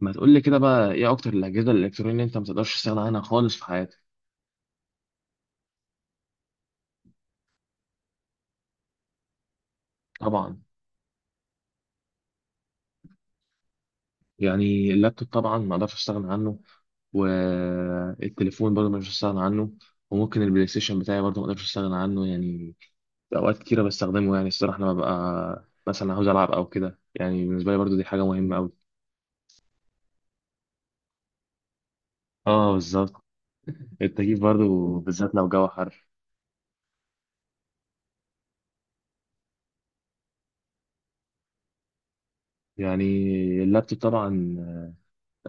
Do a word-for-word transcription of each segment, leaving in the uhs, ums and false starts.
ما تقول لي كده بقى، ايه اكتر الاجهزه الالكترونيه اللي انت ما تقدرش تستغنى عنها خالص في حياتك؟ طبعا، يعني اللابتوب طبعا ما اقدرش استغنى عنه. والتليفون برضه ما اقدرش استغنى عنه. وممكن البلاي ستيشن بتاعي برضه ما اقدرش استغنى عنه يعني. في اوقات كتيره بستخدمه، يعني الصراحه لما ببقى مثلا عاوز العب او كده، يعني بالنسبه لي برضه دي حاجه مهمه قوي. اه، بالظبط. التكييف برضه، بالذات لو جو حر. يعني اللابتوب طبعا،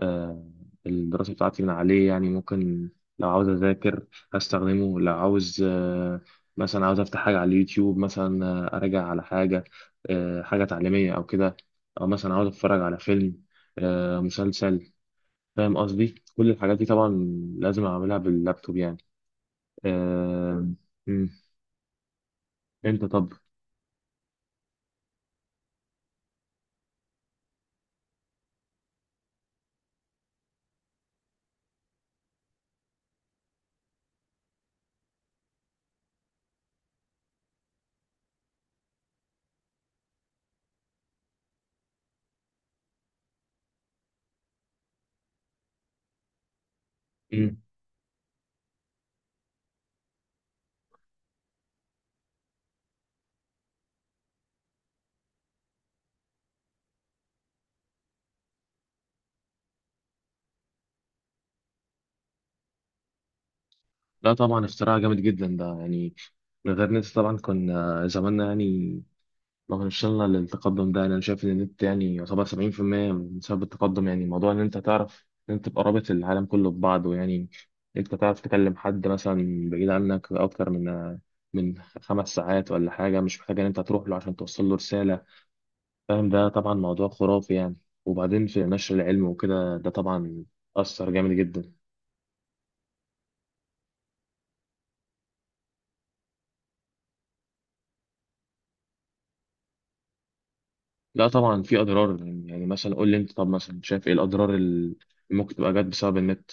آه، الدراسة بتاعتي من عليه، يعني ممكن لو عاوز أذاكر أستخدمه، لو عاوز آه، مثلا عاوز أفتح حاجة على اليوتيوب مثلا، آه، أراجع على حاجة، آه، حاجة تعليمية أو كده، أو مثلا عاوز أتفرج على فيلم، آه، مسلسل. فاهم قصدي؟ كل الحاجات دي طبعا لازم أعملها باللابتوب يعني. آه، مم. أنت طب؟ مم. لا طبعا اختراع جامد جدا ده يعني. من غير نت طبعا كنا زماننا يعني. لو إن شاء الله التقدم ده، أنا شايف إن النت يعني يعتبر سبعين في المية من سبب التقدم. يعني موضوع إن أنت تعرف إن أنت تبقى رابط العالم كله ببعضه يعني. أنت تعرف تكلم حد مثلا بعيد عنك أكتر من من خمس ساعات ولا حاجة، مش محتاج إن أنت تروح له عشان توصل له رسالة. فاهم؟ ده طبعا موضوع خرافي يعني. وبعدين في نشر العلم وكده، ده طبعا أثر جامد جدا. لا طبعا في أضرار. يعني يعني مثلا قول لي أنت، طب مثلا شايف إيه الأضرار اللي ممكن تبقى جت بسبب النت؟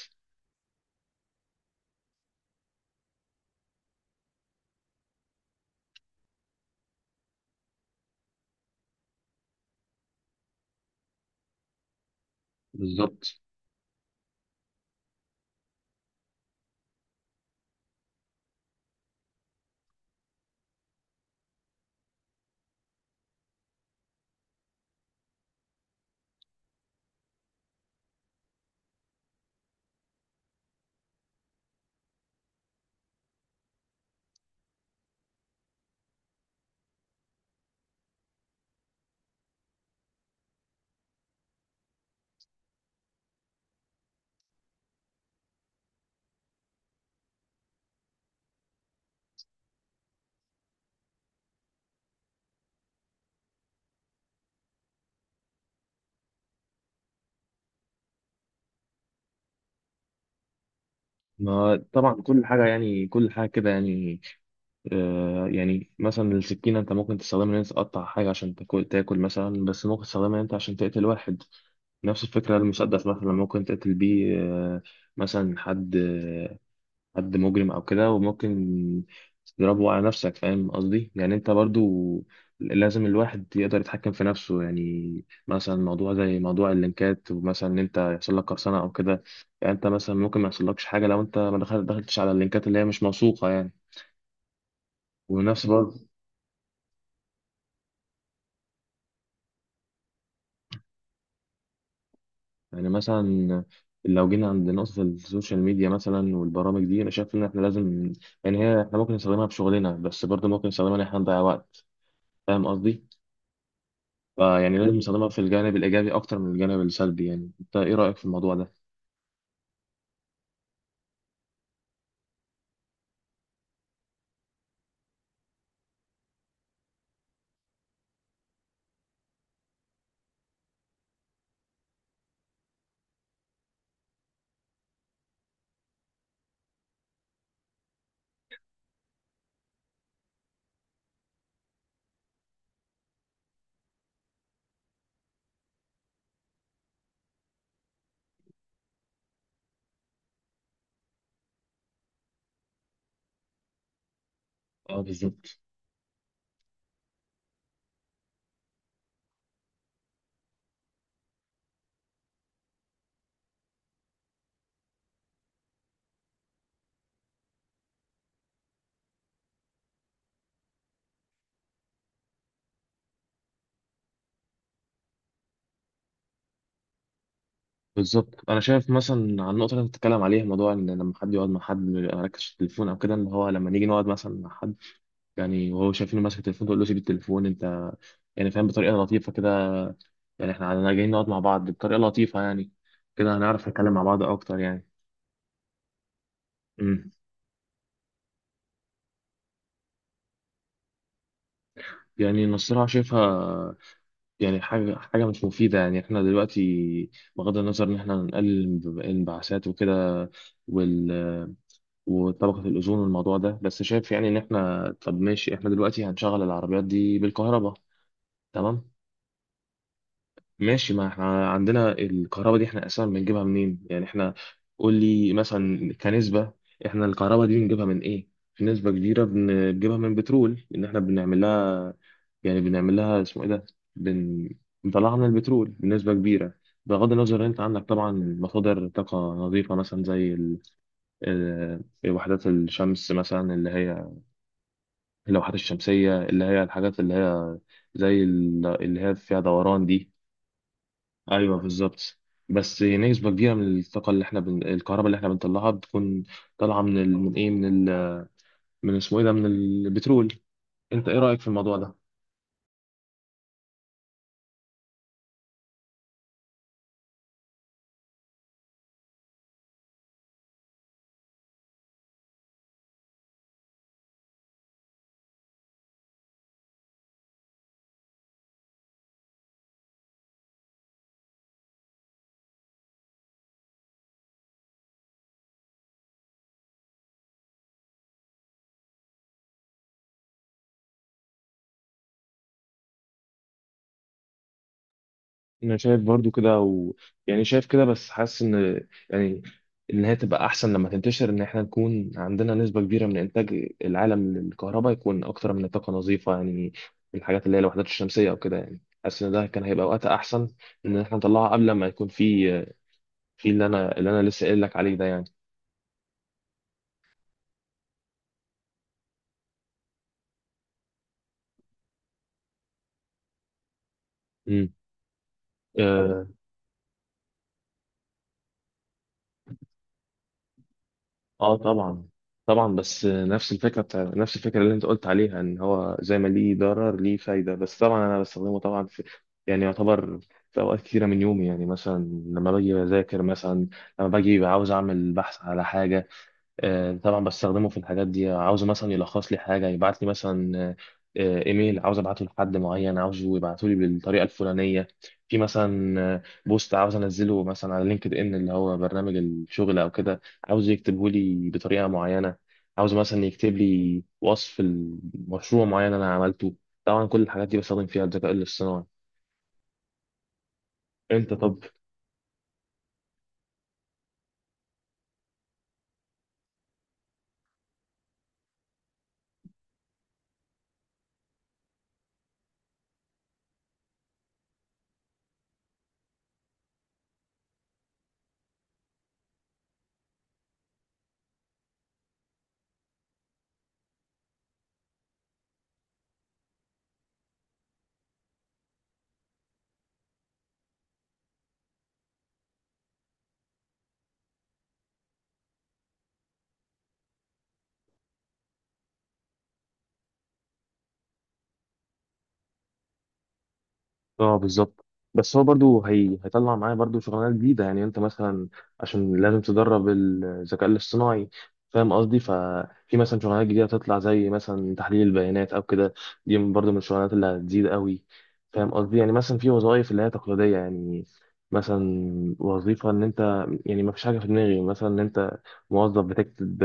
بالظبط. ما طبعا كل حاجة يعني، كل حاجة كده يعني. آه، يعني مثلا السكينة أنت ممكن تستخدمها إن أنت تقطع حاجة عشان تاكل تاكل مثلا، بس ممكن تستخدمها إن أنت عشان تقتل واحد. نفس الفكرة المسدس، مثلا ممكن تقتل بيه، آه، مثلا حد حد مجرم او كده، وممكن تضربه على نفسك. فاهم قصدي؟ يعني انت برضو لازم الواحد يقدر يتحكم في نفسه يعني. مثلا موضوع زي موضوع اللينكات، ومثلا ان انت يحصل لك قرصنه او كده، يعني انت مثلا ممكن ما يحصلكش حاجه لو انت ما دخل- دخلتش على اللينكات اللي هي مش موثوقه يعني. ونفس برضه. يعني مثلا لو جينا عند نقطة السوشيال ميديا مثلا والبرامج دي، أنا شايف إن إحنا لازم، يعني هي إحنا ممكن نستخدمها في شغلنا، بس برضه ممكن نستخدمها إن إحنا نضيع وقت. فاهم قصدي؟ فيعني لازم نستخدمها في الجانب الإيجابي أكتر من الجانب السلبي. يعني أنت إيه رأيك في الموضوع ده؟ اه، بالظبط. بالظبط، أنا شايف مثلا على النقطة اللي أنت بتتكلم عليها، موضوع إن لما حد يقعد مع حد ما يركزش في التليفون أو كده، إن هو لما نيجي نقعد مثلا مع حد، يعني وهو شايفينه ماسك التليفون، تقول له سيب التليفون أنت، يعني فاهم، بطريقة لطيفة كده يعني. إحنا عندنا جايين نقعد مع بعض بطريقة لطيفة يعني، كده هنعرف نتكلم مع بعض أكتر يعني. امم يعني النصيحة شايفها، يعني حاجة حاجة مش مفيدة. يعني احنا دلوقتي بغض النظر ان احنا نقلل الانبعاثات وكده، وال... وطبقة الأوزون والموضوع ده، بس شايف يعني ان احنا، طب ماشي احنا دلوقتي هنشغل العربيات دي بالكهرباء، تمام. ماشي، ما احنا عندنا الكهرباء دي احنا اساسا بنجيبها منين؟ يعني احنا قول لي مثلا كنسبة، احنا الكهرباء دي بنجيبها من ايه؟ في نسبة كبيرة بن- بنجيبها من بترول، ان احنا بنعمل لها يعني، بنعمل لها اسمه ايه ده، بن... بنطلع لنا البترول بنسبة كبيرة. بغض النظر إن انت عندك طبعا مصادر طاقة نظيفة، مثلا زي ال... آه، وحدات الشمس مثلا اللي هي اللوحات الشمسية، اللي هي الحاجات اللي هي زي ال- اللي هي فيها دوران دي. ايوه، بالظبط. بس نسبة كبيرة من الطاقة اللي احنا بن... الكهرباء اللي احنا بنطلعها بتكون طالعة من ال... من ايه، من ال... من اسمه ايه ده، من البترول. انت ايه رأيك في الموضوع ده؟ انا شايف برضو كده و... يعني شايف كده، بس حاسس ان يعني ان هي تبقى احسن لما تنتشر، ان احنا نكون عندنا نسبة كبيرة من انتاج العالم للكهرباء يكون اكتر من طاقة نظيفة يعني. الحاجات اللي هي الوحدات الشمسية او كده، يعني حاسس ان ده كان هيبقى وقتها احسن، ان احنا نطلعها قبل ما يكون في، في اللي انا، اللي انا لسه قايل لك عليه ده يعني. امم اه طبعا. طبعا بس نفس الفكره بتاع، نفس الفكره اللي انت قلت عليها ان هو زي ما ليه ضرر ليه فايده. بس طبعا انا بستخدمه طبعا في، يعني يعتبر في اوقات كتيره من يومي يعني. مثلا لما باجي بذاكر مثلا، لما باجي عاوز اعمل بحث على حاجه، آه، طبعا بستخدمه في الحاجات دي. عاوز مثلا يلخص لي حاجه، يبعت لي مثلا آه، آه، ايميل عاوز ابعته لحد معين، عاوزه يبعته لي بالطريقه الفلانيه. في مثلا آه، بوست عاوز انزله مثلا على لينكد ان، اللي هو برنامج الشغل او كده، عاوز يكتبه لي بطريقه معينه. عاوز مثلا يكتب لي وصف المشروع معين انا عملته. طبعا كل الحاجات دي بستخدم فيها الذكاء الاصطناعي. انت طب؟ اه، بالظبط. بس هو برضو هي... هيطلع معايا برضو شغلانات جديدة يعني. انت مثلا عشان لازم تدرب الذكاء الاصطناعي، فاهم قصدي؟ ففي مثلا شغلانات جديدة هتطلع، زي مثلا تحليل البيانات او كده، دي من- برضو من الشغلانات اللي هتزيد قوي. فاهم قصدي؟ يعني مثلا في وظائف اللي هي تقليدية يعني، مثلا وظيفة ان انت، يعني ما فيش حاجة في دماغي مثلا، ان انت موظف بتكتب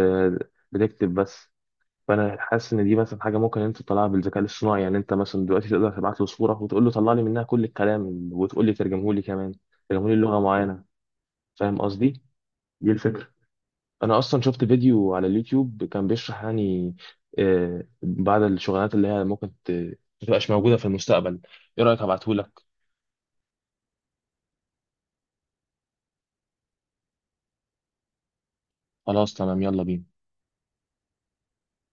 بتكتب بس. فانا حاسس ان دي مثلا حاجه ممكن انت تطلعها بالذكاء الاصطناعي. يعني انت مثلا دلوقتي تقدر تبعت له صوره وتقول له طلع لي منها كل الكلام، وتقول لي ترجمه لي كمان، ترجمه لي لغه معينه. فاهم قصدي؟ دي الفكره. انا اصلا شفت فيديو على اليوتيوب كان بيشرح يعني آه، بعض الشغلانات اللي هي ممكن ت- ما تبقاش موجوده في المستقبل. ايه رايك ابعته لك؟ خلاص تمام، يلا بينا.